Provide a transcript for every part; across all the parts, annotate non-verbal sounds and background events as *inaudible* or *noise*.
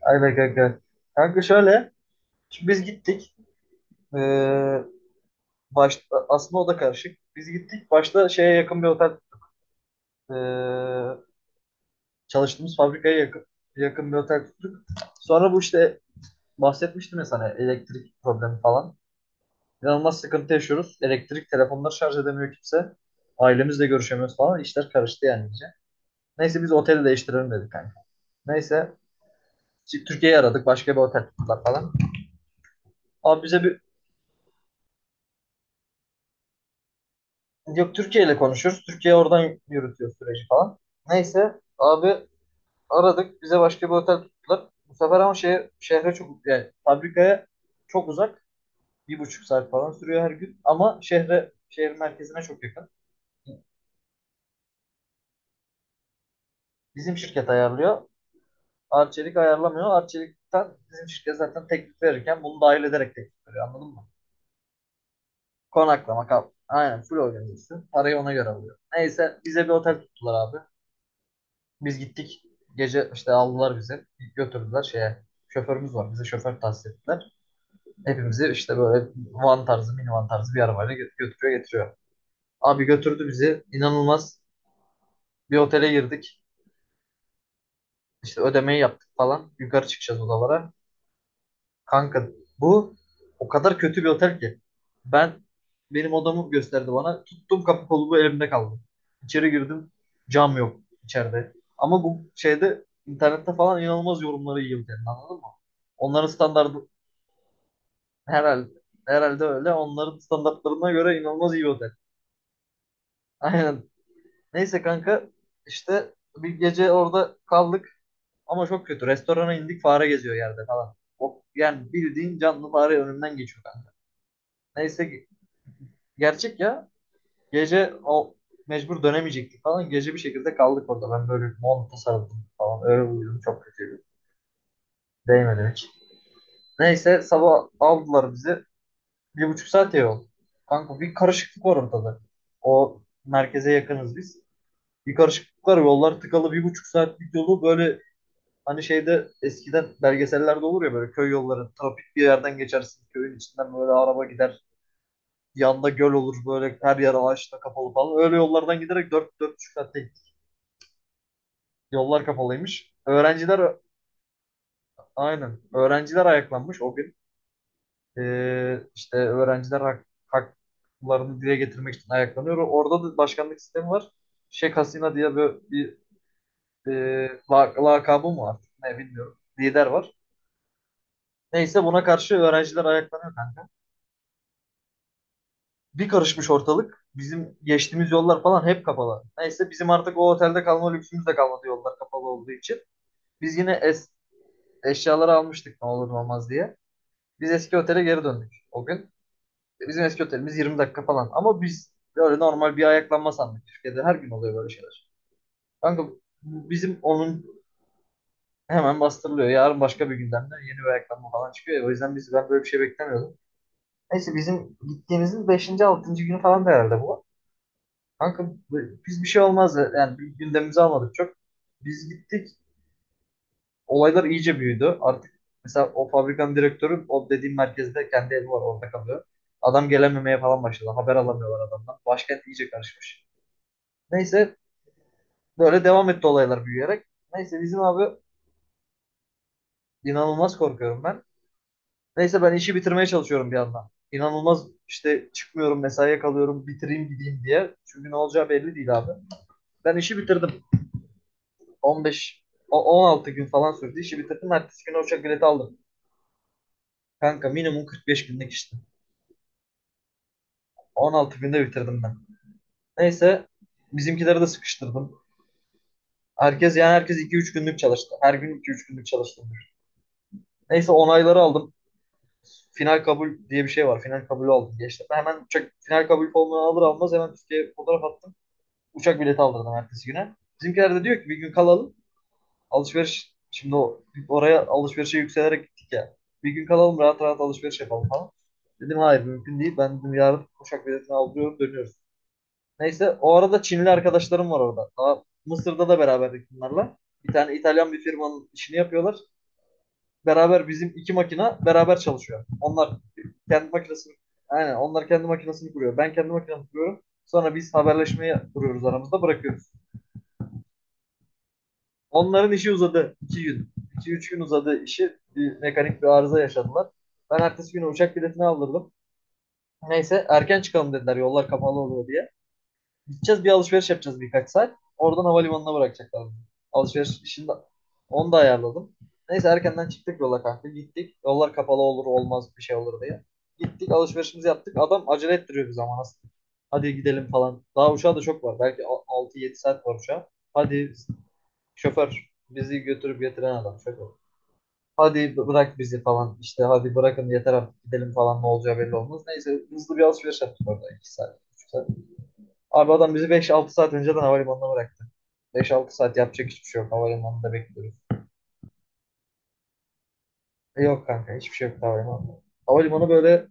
Aynen kanka. Kanka şöyle. Şimdi biz gittik. Ee, başta, aslında o da karışık. Biz gittik. Başta şeye yakın bir otel ee, çalıştığımız fabrikaya yakın bir otel tuttuk. Sonra bu işte bahsetmiştim ya sana elektrik problemi falan. İnanılmaz sıkıntı yaşıyoruz. Elektrik telefonları şarj edemiyor kimse. Ailemizle görüşemiyoruz falan. İşler karıştı yani iyice. Neyse biz oteli değiştirelim dedik kanka. Neyse Türkiye'yi aradık. Başka bir otel tuttular falan. Abi bize bir. Yok, Türkiye ile konuşuyoruz. Türkiye oradan yürütüyor süreci falan. Neyse abi aradık. Bize başka bir otel tuttular. Bu sefer ama şehre çok yani fabrikaya çok uzak. Bir buçuk saat falan sürüyor her gün. Ama şehir merkezine çok yakın. Bizim şirket ayarlıyor. Arçelik ayarlamıyor. Arçelik'ten bizim şirket zaten teklif verirken bunu dahil ederek teklif veriyor. Anladın mı? Konaklama kal. Aynen full organizasyon. Parayı ona göre alıyor. Neyse bize bir otel tuttular abi. Biz gittik. Gece işte aldılar bizi. Götürdüler şeye. Şoförümüz var. Bize şoför tahsis ettiler. Hepimizi işte böyle van tarzı, minivan tarzı bir arabayla götürüyor getiriyor. Abi götürdü bizi. İnanılmaz. Bir otele girdik. İşte ödemeyi yaptık falan. Yukarı çıkacağız odalara. Kanka bu o kadar kötü bir otel ki. Ben benim odamı gösterdi bana. Tuttum kapı kolumu elimde kaldı. İçeri girdim. Cam yok içeride. Ama bu şeyde internette falan inanılmaz yorumları iyi otelin anladın mı? Onların standartı herhalde herhalde öyle. Onların standartlarına göre inanılmaz iyi bir otel. *laughs* Aynen. Neyse kanka işte bir gece orada kaldık ama çok kötü. Restorana indik fare geziyor yerde falan. O, yani bildiğin canlı fare önümden geçiyor kanka. Neyse. Gerçek ya. Gece o mecbur dönemeyecektik falan. Gece bir şekilde kaldık orada. Ben böyle monta sarıldım falan. Öyle uyudum. Çok kötüydü. Değmedi hiç. Neyse sabah aldılar bizi. 1,5 saat yol. Kanka bir karışıklık var ortada. O merkeze yakınız biz. Bir karışıklık var. Yollar tıkalı. 1,5 saatlik yolu böyle hani şeyde eskiden belgesellerde olur ya böyle köy yolları. Trafik bir yerden geçersin. Köyün içinden böyle araba gider. Yanda göl olur böyle her yer ağaçla kapalı falan. Öyle yollardan giderek 45 saatte gittik. Yollar kapalıymış. Öğrenciler aynen. Öğrenciler ayaklanmış o gün. İşte öğrenciler haklarını dile getirmek için ayaklanıyor. Orada da başkanlık sistemi var. Şeyh Hasina diye böyle bir e, lakabı mı var? Ne bilmiyorum. Lider var. Neyse buna karşı öğrenciler ayaklanıyor kanka. Bir karışmış ortalık. Bizim geçtiğimiz yollar falan hep kapalı. Neyse bizim artık o otelde kalma lüksümüz de kalmadı yollar kapalı olduğu için. Biz yine eşyaları almıştık ne olur ne olmaz diye. Biz eski otele geri döndük o gün. Bizim eski otelimiz 20 dakika falan. Ama biz böyle normal bir ayaklanma sandık. Türkiye'de her gün oluyor böyle şeyler. Kanka bu bizim onun hemen bastırılıyor. Yarın başka bir gündemde yeni bir ayaklanma falan çıkıyor. Ya. O yüzden ben böyle bir şey beklemiyordum. Neyse bizim gittiğimizin beşinci altıncı günü falan da herhalde bu. Kanka biz bir şey olmaz. Yani bir gündemimizi almadık çok. Biz gittik. Olaylar iyice büyüdü. Artık mesela o fabrikanın direktörü o dediğim merkezde kendi evi var orada kalıyor. Adam gelememeye falan başladı. Haber alamıyorlar adamdan. Başkent iyice karışmış. Neyse böyle devam etti olaylar büyüyerek. Neyse bizim abi inanılmaz korkuyorum ben. Neyse ben işi bitirmeye çalışıyorum bir yandan. İnanılmaz işte çıkmıyorum mesaiye kalıyorum bitireyim gideyim diye. Çünkü ne olacağı belli değil abi. Ben işi bitirdim. 15 16 gün falan sürdü. İşi bitirdim. Ertesi gün uçak bileti aldım. Kanka minimum 45 günlük işte. 16 günde bitirdim ben. Neyse bizimkileri de sıkıştırdım. Herkes yani herkes 2-3 günlük çalıştı. Her gün 2-3 günlük çalıştım. Neyse onayları aldım. Final kabul diye bir şey var. Final kabulü aldım. Geçtim. Hemen uçak final kabul formunu alır almaz hemen Türkiye'ye fotoğraf attım. Uçak bileti aldırdım ertesi güne. Bizimkiler de diyor ki bir gün kalalım. Alışveriş şimdi oraya alışverişe yükselerek gittik ya. Bir gün kalalım rahat rahat alışveriş yapalım falan. Dedim hayır mümkün değil. Ben dedim yarın uçak biletini aldırıyorum dönüyoruz. Neyse o arada Çinli arkadaşlarım var orada. Daha Mısır'da da beraberdik bunlarla. Bir tane İtalyan bir firmanın işini yapıyorlar. Beraber bizim iki makina beraber çalışıyor. Onlar kendi makinesini aynen onlar kendi makinesini kuruyor. Ben kendi makinemi kuruyorum. Sonra biz haberleşmeyi kuruyoruz aramızda bırakıyoruz. Onların işi uzadı. İki gün. İki üç gün uzadı işi. Bir mekanik bir arıza yaşadılar. Ben ertesi günü uçak biletini aldırdım. Neyse erken çıkalım dediler yollar kapalı oluyor diye. Gideceğiz bir alışveriş yapacağız birkaç saat. Oradan havalimanına bırakacaklar. Alışveriş işini de, onu da ayarladım. Neyse erkenden çıktık yola kanka. Gittik. Yollar kapalı olur olmaz bir şey olur diye. Gittik alışverişimizi yaptık. Adam acele ettiriyor bizi ama nasıl. Hadi gidelim falan. Daha uçağa da çok var. Belki altı yedi saat var uçağa. Hadi şoför bizi götürüp getiren adam şoför. Hadi bırak bizi falan işte hadi bırakın yeter artık gidelim falan ne olacağı belli olmaz. Neyse hızlı bir alışveriş yaptık orada 2 saat, 3 saat. Abi adam bizi beş altı saat önceden havalimanına bıraktı. Beş altı saat yapacak hiçbir şey yok. Havalimanında bekliyoruz. E yok kanka hiçbir şey yok havalimanında. Havalimanı böyle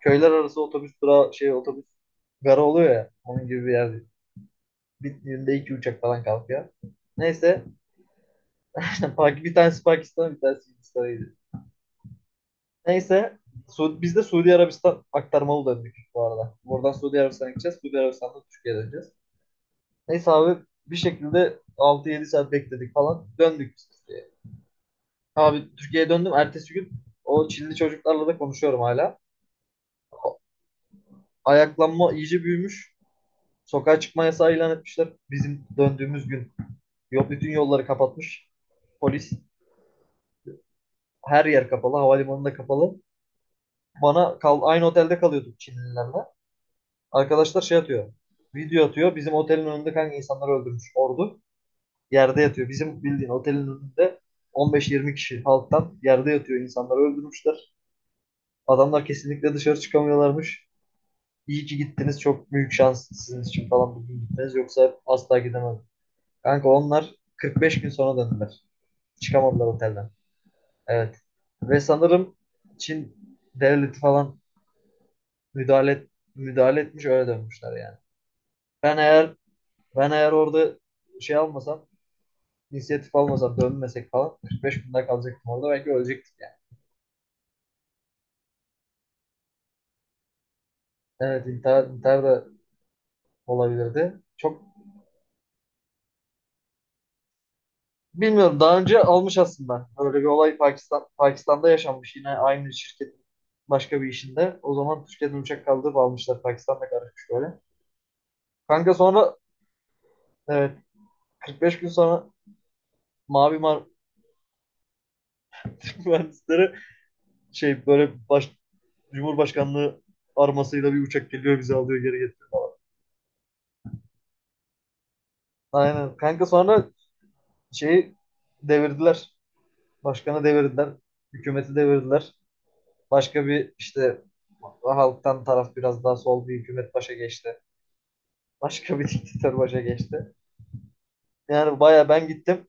köyler arası otobüs durağı şey otobüs gara oluyor ya. Onun gibi bir yer. Bir günde iki uçak falan kalkıyor. Neyse *laughs* bir tanesi Pakistan'a bir tanesi Hindistan'a gidiyor. Neyse biz de Suudi Arabistan aktarmalı döndük bu arada. Buradan Suudi Arabistan'a gideceğiz. Suudi Arabistan'dan Türkiye'ye döneceğiz. Neyse abi bir şekilde altı yedi saat bekledik falan. Döndük biz. Abi Türkiye'ye döndüm. Ertesi gün o Çinli çocuklarla da konuşuyorum hala. Ayaklanma iyice büyümüş. Sokağa çıkma yasağı ilan etmişler. Bizim döndüğümüz gün yok bütün yolları kapatmış. Polis her yer kapalı. Havalimanı da kapalı. Bana kal aynı otelde kalıyorduk Çinlilerle. Arkadaşlar şey atıyor. Video atıyor. Bizim otelin önünde kanka insanları öldürmüş ordu. Yerde yatıyor. Bizim bildiğin otelin önünde 15-20 kişi halktan yerde yatıyor. İnsanları öldürmüşler. Adamlar kesinlikle dışarı çıkamıyorlarmış. İyi ki gittiniz. Çok büyük şans sizin için falan bugün gittiniz. Yoksa asla gidemezdim. Kanka onlar 45 gün sonra döndüler. Çıkamadılar otelden. Evet. Ve sanırım Çin devleti falan müdahale etmiş öyle dönmüşler yani. Ben eğer ben eğer orada şey almasam, inisiyatif almasam, dönmesek falan 45 gün daha kalacaktım orada. Belki ölecektik yani. Evet intihar da olabilirdi. Çok. Bilmiyorum daha önce almış aslında. Böyle bir olay Pakistan'da yaşanmış yine aynı şirketin başka bir işinde. O zaman Türkiye'den uçak kaldırıp almışlar. Pakistan'da karışmış böyle. Kanka sonra evet, 45 gün sonra Mavi Mar *laughs* Türk mühendisleri şey böyle Cumhurbaşkanlığı armasıyla bir uçak geliyor bizi alıyor geri getiriyor. Aynen. Kanka sonra şeyi devirdiler. Başkanı devirdiler. Hükümeti devirdiler. Başka bir işte halktan taraf biraz daha sol bir hükümet başa geçti. Başka bir *laughs* diktatör başa geçti. Yani baya ben gittim.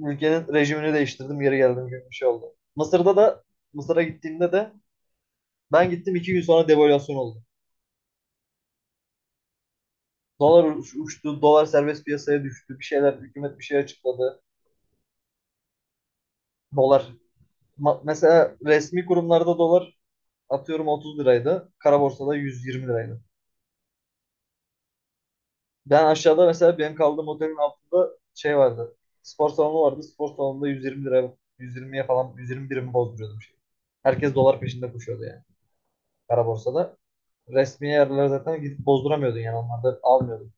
Ülkenin rejimini değiştirdim. Geri geldim gibi bir şey oldu. Mısır'a gittiğimde de ben gittim iki gün sonra devalüasyon oldu. Dolar uçtu. Dolar serbest piyasaya düştü. Bir şeyler hükümet bir şey açıkladı. Dolar. Mesela resmi kurumlarda dolar atıyorum 30 liraydı. Kara borsada 120 liraydı. Ben aşağıda mesela benim kaldığım otelin altında şey vardı. Spor salonu vardı. Spor salonunda 120 lira 120'ye falan 120 birim bozduruyordum şey. Herkes dolar peşinde koşuyordu yani. Kara borsada. Resmi yerlere zaten gidip bozduramıyordun yani onlarda almıyordun.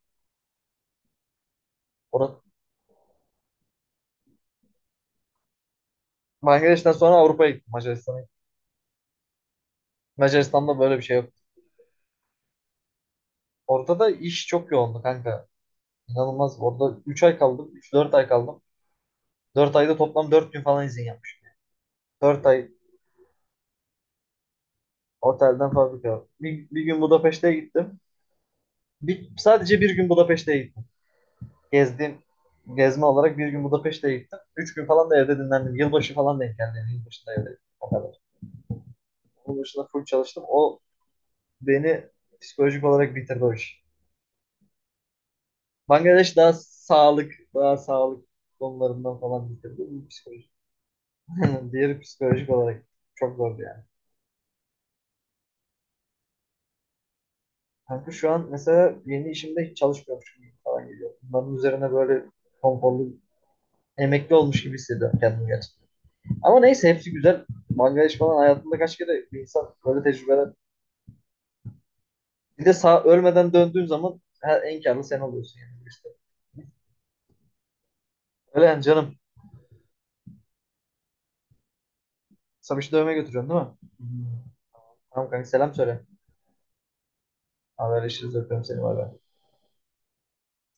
Orada Bangladeş'ten sonra Avrupa'ya gittim. Macaristan'a gittim. Macaristan'da böyle bir şey yok. Orada da iş çok yoğundu kanka. İnanılmaz. Orada 3 ay kaldım. Üç dört ay kaldım. Dört ayda toplam 4 gün falan izin yapmış. 4 ay otelden fabrika. Bir gün Budapeşte'ye gittim. Sadece bir gün Budapeşte'ye gittim. Gezdiğim, gezme olarak bir gün Budapeşte'ye gittim. Üç gün falan da evde dinlendim. Yılbaşı falan denk geldi. Yılbaşı da evde. O kadar. Onun dışında full çalıştım. O beni psikolojik olarak bitirdi o iş. Bangladeş daha sağlık konularından falan bitirdi. Bu psikolojik. *laughs* Diğeri psikolojik olarak çok zordu yani. Kanka şu an mesela yeni işimde hiç çalışmıyormuş gibi falan geliyor. Bunların üzerine böyle konforlu emekli olmuş gibi hissediyorum kendimi gerçekten. Ama neyse hepsi güzel. Bangladeş falan hayatında kaç kere bir insan böyle tecrübeler. Bir de sağ ölmeden döndüğün zaman en karlı sen oluyorsun yani. İşte. Öyle yani canım. Samiş'i dövmeye götürüyorsun değil mi? Hı hı. Tamam kanka selam söyle. Haberleşiriz öpüyorum seni. Bay bay.